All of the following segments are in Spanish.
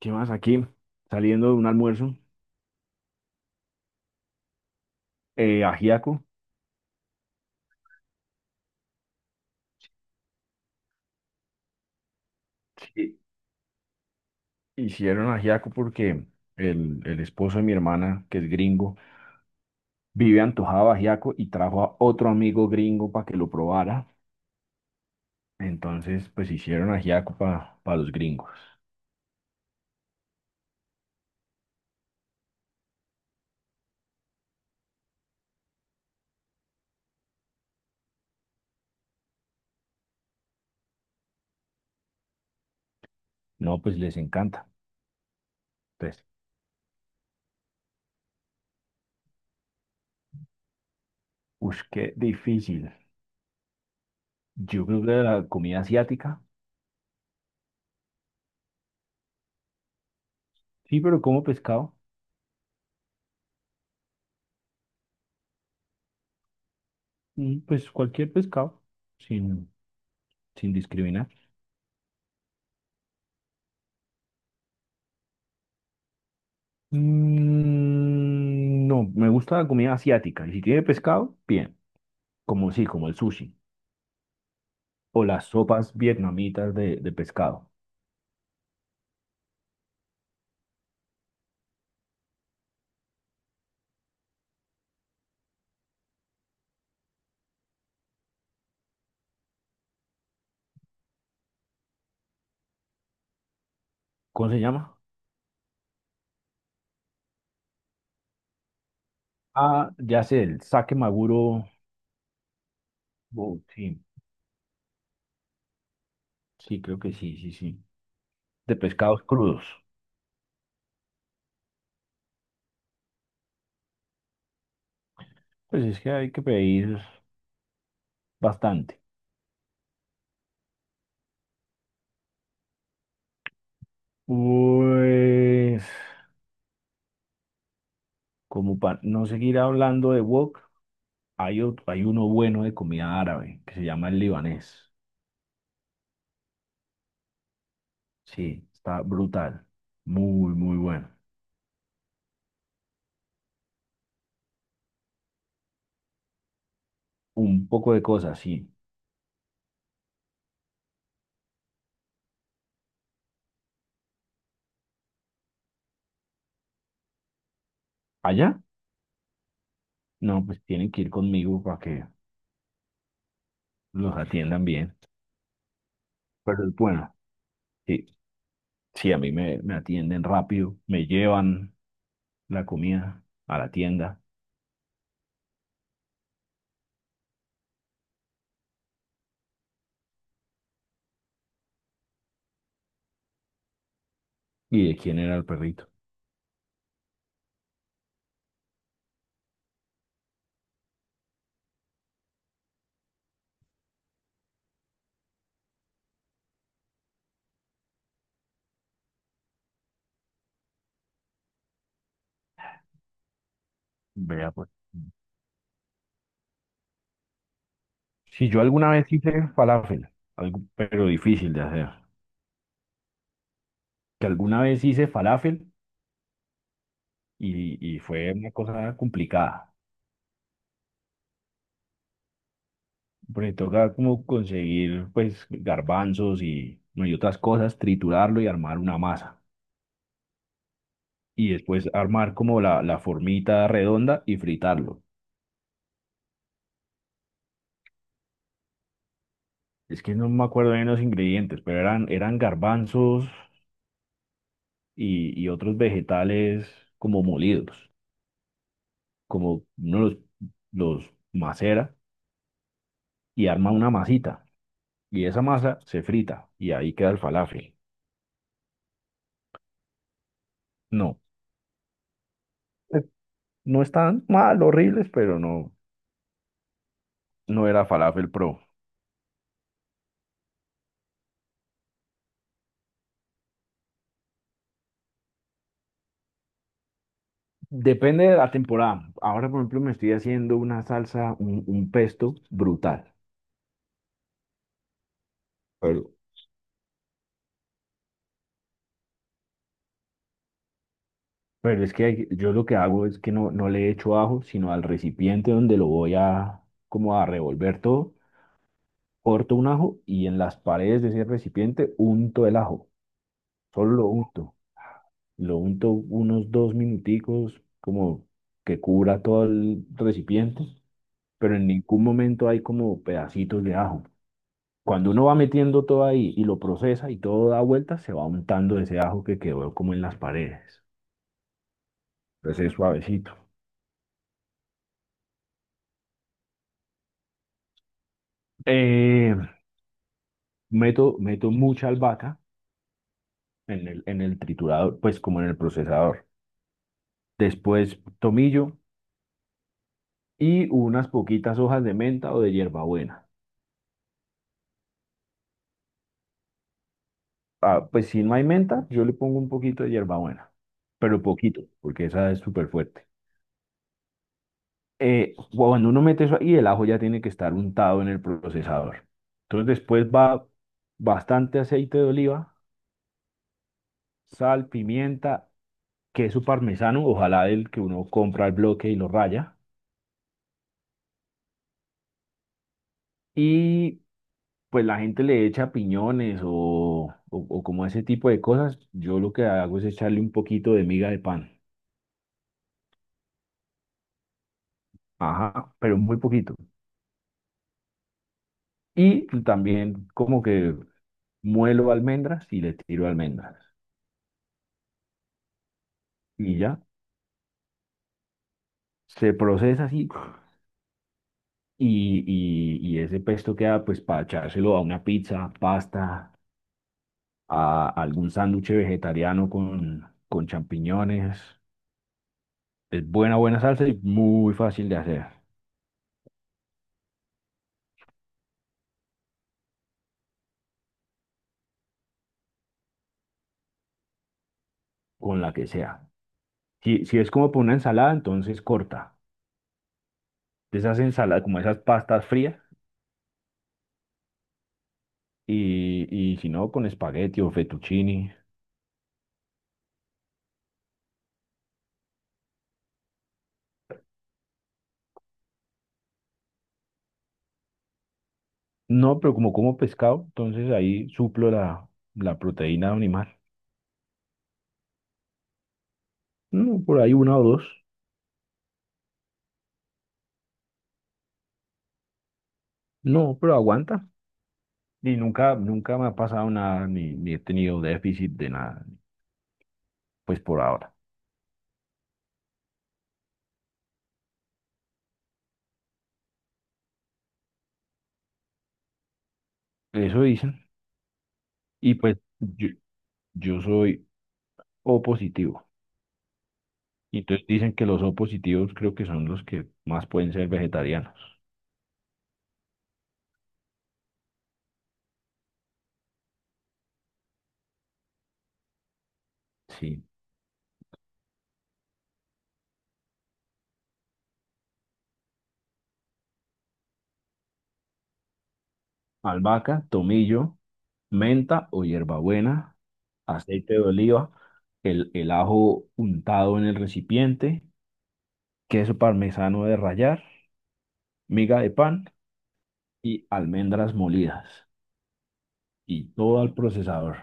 ¿Qué más aquí? Saliendo de un almuerzo, ajiaco. Sí. Hicieron ajiaco porque el esposo de mi hermana, que es gringo, vive antojado de ajiaco y trajo a otro amigo gringo para que lo probara. Entonces, pues hicieron ajiaco para los gringos. No, pues les encanta. Entonces. Uff, qué difícil. Yo creo que la comida asiática, sí, pero como pescado, pues cualquier pescado, sin, sin discriminar. Mm, no, me gusta la comida asiática. Y si tiene pescado, bien. Como sí, como el sushi. O las sopas vietnamitas de pescado. ¿Cómo se llama? Ah, ya sé, el sake maguro. Oh, sí, sí, creo que sí, sí, sí. De pescados crudos. Pues es que hay que pedir bastante. Pues, como para no seguir hablando de wok, hay uno bueno de comida árabe que se llama el libanés. Sí, está brutal. Muy, muy bueno. Un poco de cosas, sí. ¿Allá? No, pues tienen que ir conmigo para que los atiendan bien. Pero es bueno. Sí, sí, a mí me atienden rápido, me llevan la comida a la tienda. ¿Y de quién era el perrito? Vea, pues. Si yo alguna vez hice falafel, algo, pero difícil de hacer. Que alguna vez hice falafel y fue una cosa complicada. Porque toca como conseguir pues garbanzos y, no, y otras cosas, triturarlo y armar una masa. Y después armar como la formita redonda y fritarlo. Es que no me acuerdo bien los ingredientes, pero eran garbanzos y otros vegetales como molidos. Como uno los macera y arma una masita. Y esa masa se frita y ahí queda el falafel. No, eh, no están mal, horribles, pero no, no era falafel pro. Depende de la temporada. Ahora, por ejemplo, me estoy haciendo una salsa, un pesto brutal. Pero, pero es que yo lo que hago es que no, no le echo ajo, sino al recipiente donde lo voy a, como a revolver todo, corto un ajo y en las paredes de ese recipiente unto el ajo. Solo lo unto. Lo unto unos dos minuticos, como que cubra todo el recipiente, pero en ningún momento hay como pedacitos de ajo. Cuando uno va metiendo todo ahí y lo procesa y todo da vueltas, se va untando ese ajo que quedó como en las paredes. Entonces es suavecito. Eh, Meto, meto mucha albahaca en en el triturador, pues como en el procesador. Después tomillo y unas poquitas hojas de menta o de hierbabuena. Ah, pues si no hay menta, yo le pongo un poquito de hierbabuena, pero poquito, porque esa es súper fuerte. Cuando uno mete eso ahí, el ajo ya tiene que estar untado en el procesador. Entonces después va bastante aceite de oliva, sal, pimienta, queso parmesano, ojalá el que uno compra al bloque y lo raya. Y pues la gente le echa piñones o como ese tipo de cosas. Yo lo que hago es echarle un poquito de miga de pan. Ajá, pero muy poquito. Y también como que muelo almendras y le tiro almendras. Y ya, se procesa así Y, ese pesto queda pues para echárselo a una pizza, pasta, a algún sándwich vegetariano con champiñones. Es buena, buena salsa y muy fácil de hacer, con la que sea. Si, si es como para una ensalada, entonces corta. De esas ensaladas, como esas pastas frías, y, y si no, con espagueti o fettuccini. No, pero como como pescado, entonces ahí suplo la proteína animal. No, por ahí una o dos. No, pero aguanta. Y nunca, nunca me ha pasado nada, ni, ni he tenido déficit de nada, pues por ahora. Eso dicen. Y pues yo soy O positivo. Y entonces dicen que los O positivos creo que son los que más pueden ser vegetarianos. Sí. Albahaca, tomillo, menta o hierbabuena, aceite de oliva, el ajo untado en el recipiente, queso parmesano de rallar, miga de pan y almendras molidas. Y todo al procesador.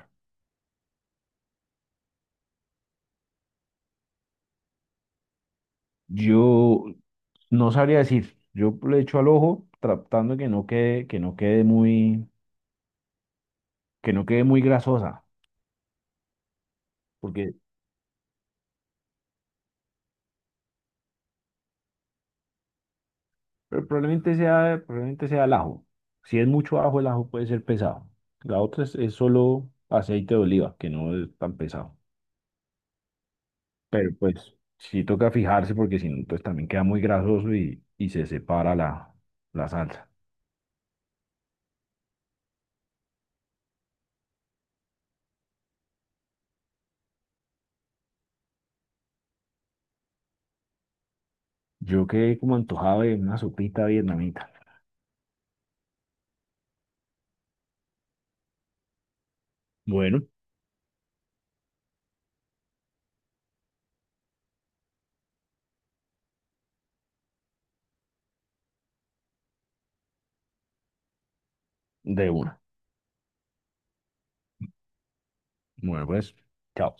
Yo no sabría decir, yo le echo al ojo tratando que no quede, que no quede muy grasosa, porque pero probablemente sea el ajo. Si es mucho ajo, el ajo puede ser pesado. La otra es solo aceite de oliva, que no es tan pesado. Pero pues sí toca fijarse porque si no, pues también queda muy grasoso y se separa la salsa. Yo quedé como antojado de una sopita vietnamita. Bueno, de una. Bueno, pues, chao.